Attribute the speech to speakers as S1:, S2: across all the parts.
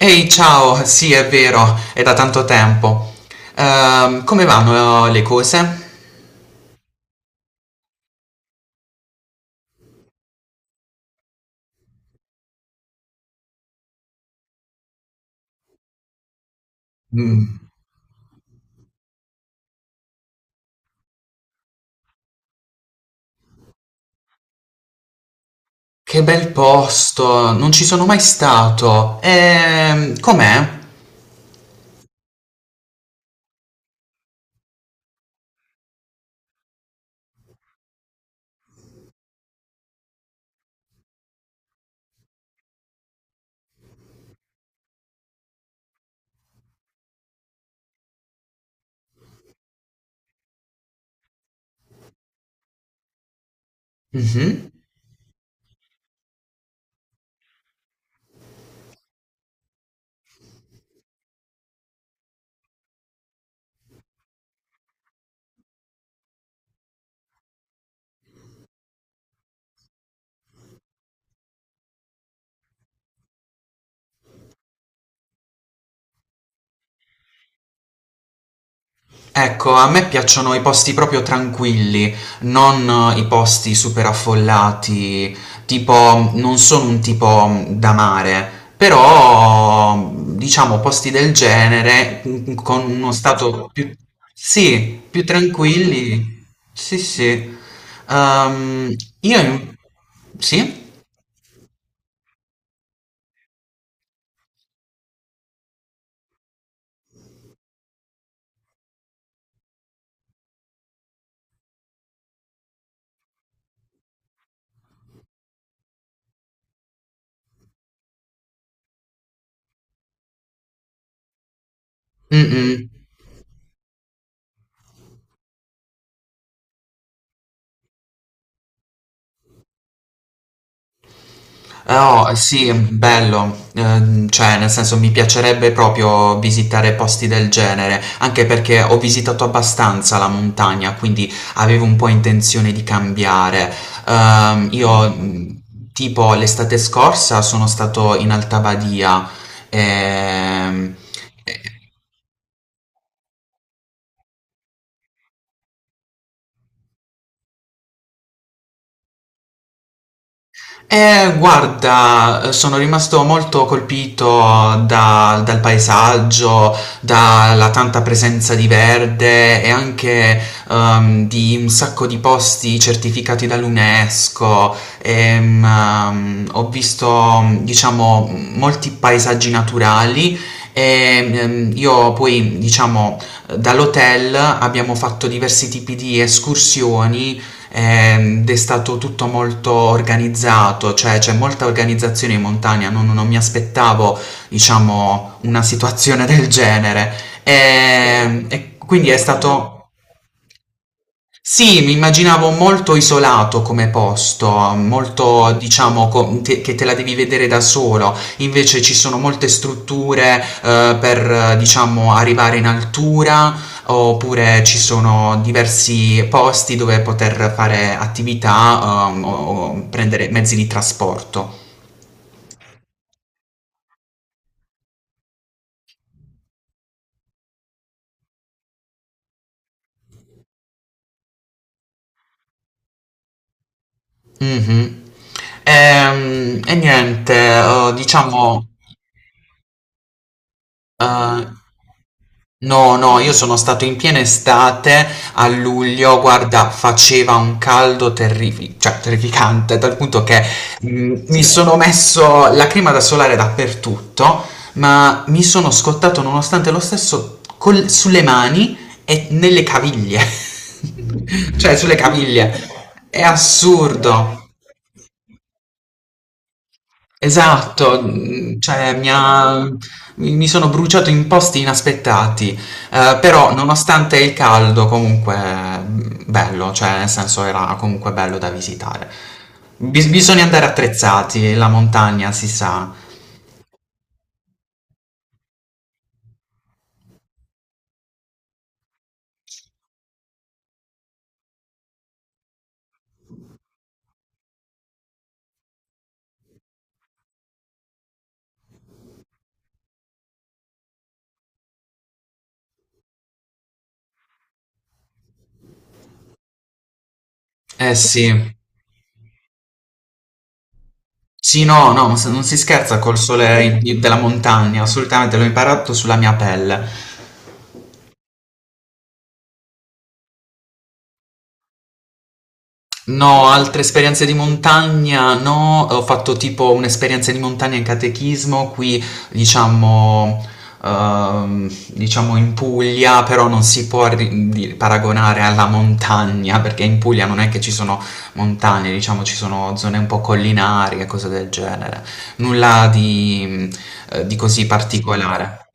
S1: Ehi, ciao, sì, è vero, è da tanto tempo. Come vanno le cose? Mm, che bel posto, non ci sono mai stato. Com'è? Mhm. Ecco, a me piacciono i posti proprio tranquilli, non i posti super affollati, tipo non sono un tipo da mare, però diciamo posti del genere con uno stato più, sì, più tranquilli. Sì, sì. Ehm, io in- sì? Mm-mm. Oh, sì, è bello. Cioè, nel senso, mi piacerebbe proprio visitare posti del genere, anche perché ho visitato abbastanza la montagna, quindi avevo un po' intenzione di cambiare. Ehm, io, mh, tipo l'estate scorsa, sono stato in Alta Badia, ehm, guarda, sono rimasto molto colpito dal paesaggio, dalla tanta presenza di verde e anche di un sacco di posti certificati dall'UNESCO. Ho visto, diciamo, molti paesaggi naturali e io poi, diciamo, dall'hotel abbiamo fatto diversi tipi di escursioni, ed è stato tutto molto organizzato, cioè c'è molta organizzazione in montagna, non mi aspettavo, diciamo, una situazione del genere. E quindi è stato... Sì, mi immaginavo molto isolato come posto, molto, diciamo, che te la devi vedere da solo. Invece ci sono molte strutture, per, diciamo, arrivare in altura, oppure ci sono diversi posti dove poter fare attività, o prendere mezzi di trasporto. Mhm. E, niente, sì, diciamo. Uhm, no, no, io sono stato in piena estate a luglio, guarda, faceva un caldo terrifi cioè terrificante, dal punto che, mi sono messo la crema da solare dappertutto, ma mi sono scottato nonostante lo stesso col sulle mani e nelle caviglie, cioè sulle caviglie. È assurdo. Esatto, mi sono bruciato in posti inaspettati, però nonostante il caldo comunque, bello, cioè nel senso era comunque bello da visitare. Bisogna andare attrezzati, la montagna si sa. Eh sì. Sì, no, no, non si scherza col sole in della montagna, assolutamente, l'ho imparato sulla mia pelle. No, altre esperienze di montagna no, ho fatto tipo un'esperienza di montagna in catechismo qui, diciamo, diciamo in Puglia, però non si può paragonare alla montagna, perché in Puglia non è che ci sono montagne, diciamo ci sono zone un po' collinari e cose del genere, nulla di così particolare.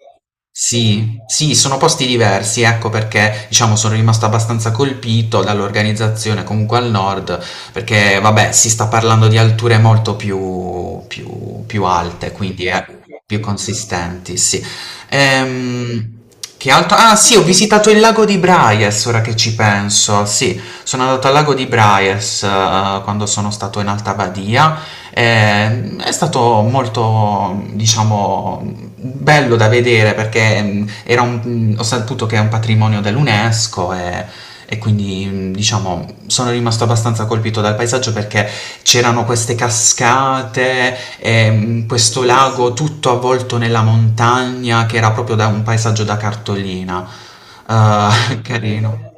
S1: Sì, sì, sono posti diversi, ecco perché diciamo sono rimasto abbastanza colpito dall'organizzazione comunque al nord, perché vabbè si sta parlando di alture molto più, più alte, quindi più consistenti, sì. Ehm, che altro? Ah sì, ho visitato il lago di Braies, ora che ci penso, sì, sono andato al lago di Braies quando sono stato in Alta Badia. È stato molto, diciamo, bello da vedere perché ho saputo che è un patrimonio dell'UNESCO, e quindi, diciamo, sono rimasto abbastanza colpito dal paesaggio perché c'erano queste cascate, e, questo lago tutto avvolto nella montagna che era proprio da un paesaggio da cartolina. Carino.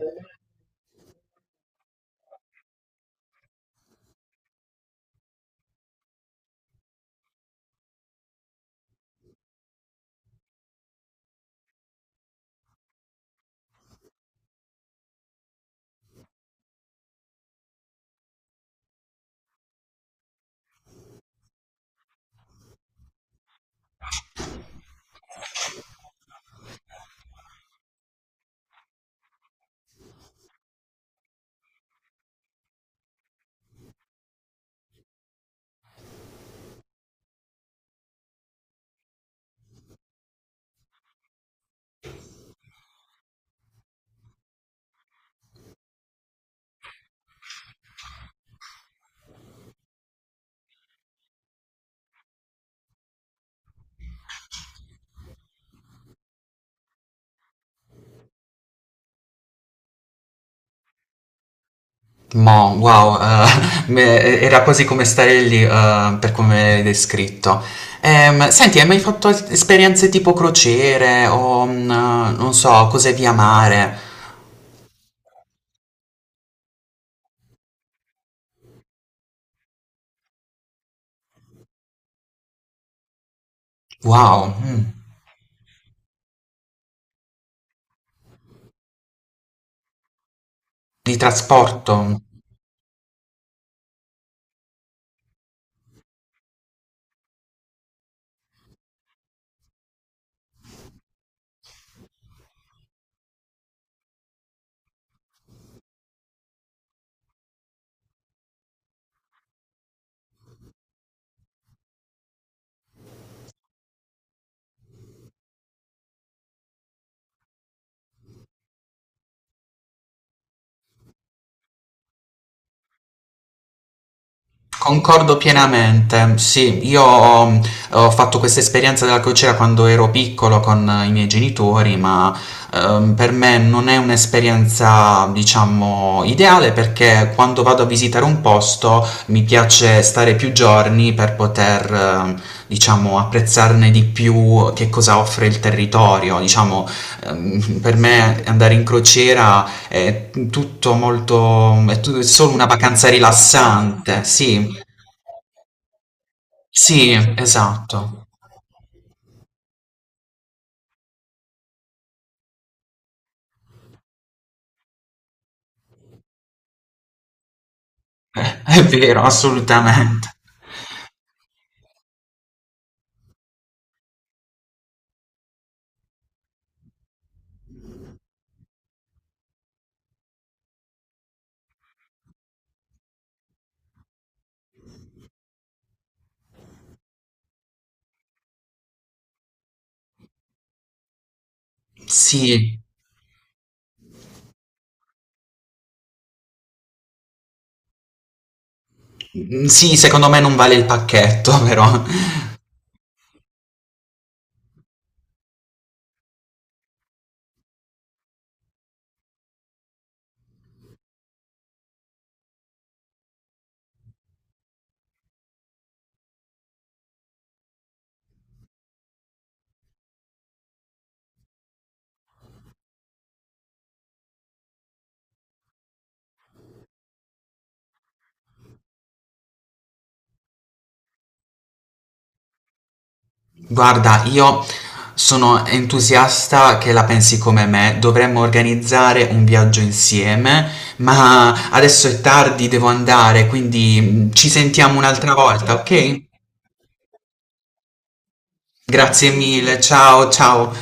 S1: Mo, wow, era quasi come stare lì, per come l'hai descritto. Senti, hai mai fatto esperienze tipo crociere o, non so, cose via mare? Wow, mm, di trasporto. Concordo pienamente, sì, ho fatto questa esperienza della crociera quando ero piccolo con i miei genitori, ma per me non è un'esperienza, diciamo, ideale, perché quando vado a visitare un posto mi piace stare più giorni per poter, diciamo, apprezzarne di più che cosa offre il territorio. Diciamo, per me andare in crociera è tutto molto, è solo una vacanza rilassante, rilassante, sì, sì, esatto, è vero, assolutamente. Sì, sì, secondo me non vale il pacchetto, però. Guarda, io sono entusiasta che la pensi come me, dovremmo organizzare un viaggio insieme, ma adesso è tardi, devo andare, quindi ci sentiamo un'altra volta, ok? Grazie mille, ciao, ciao.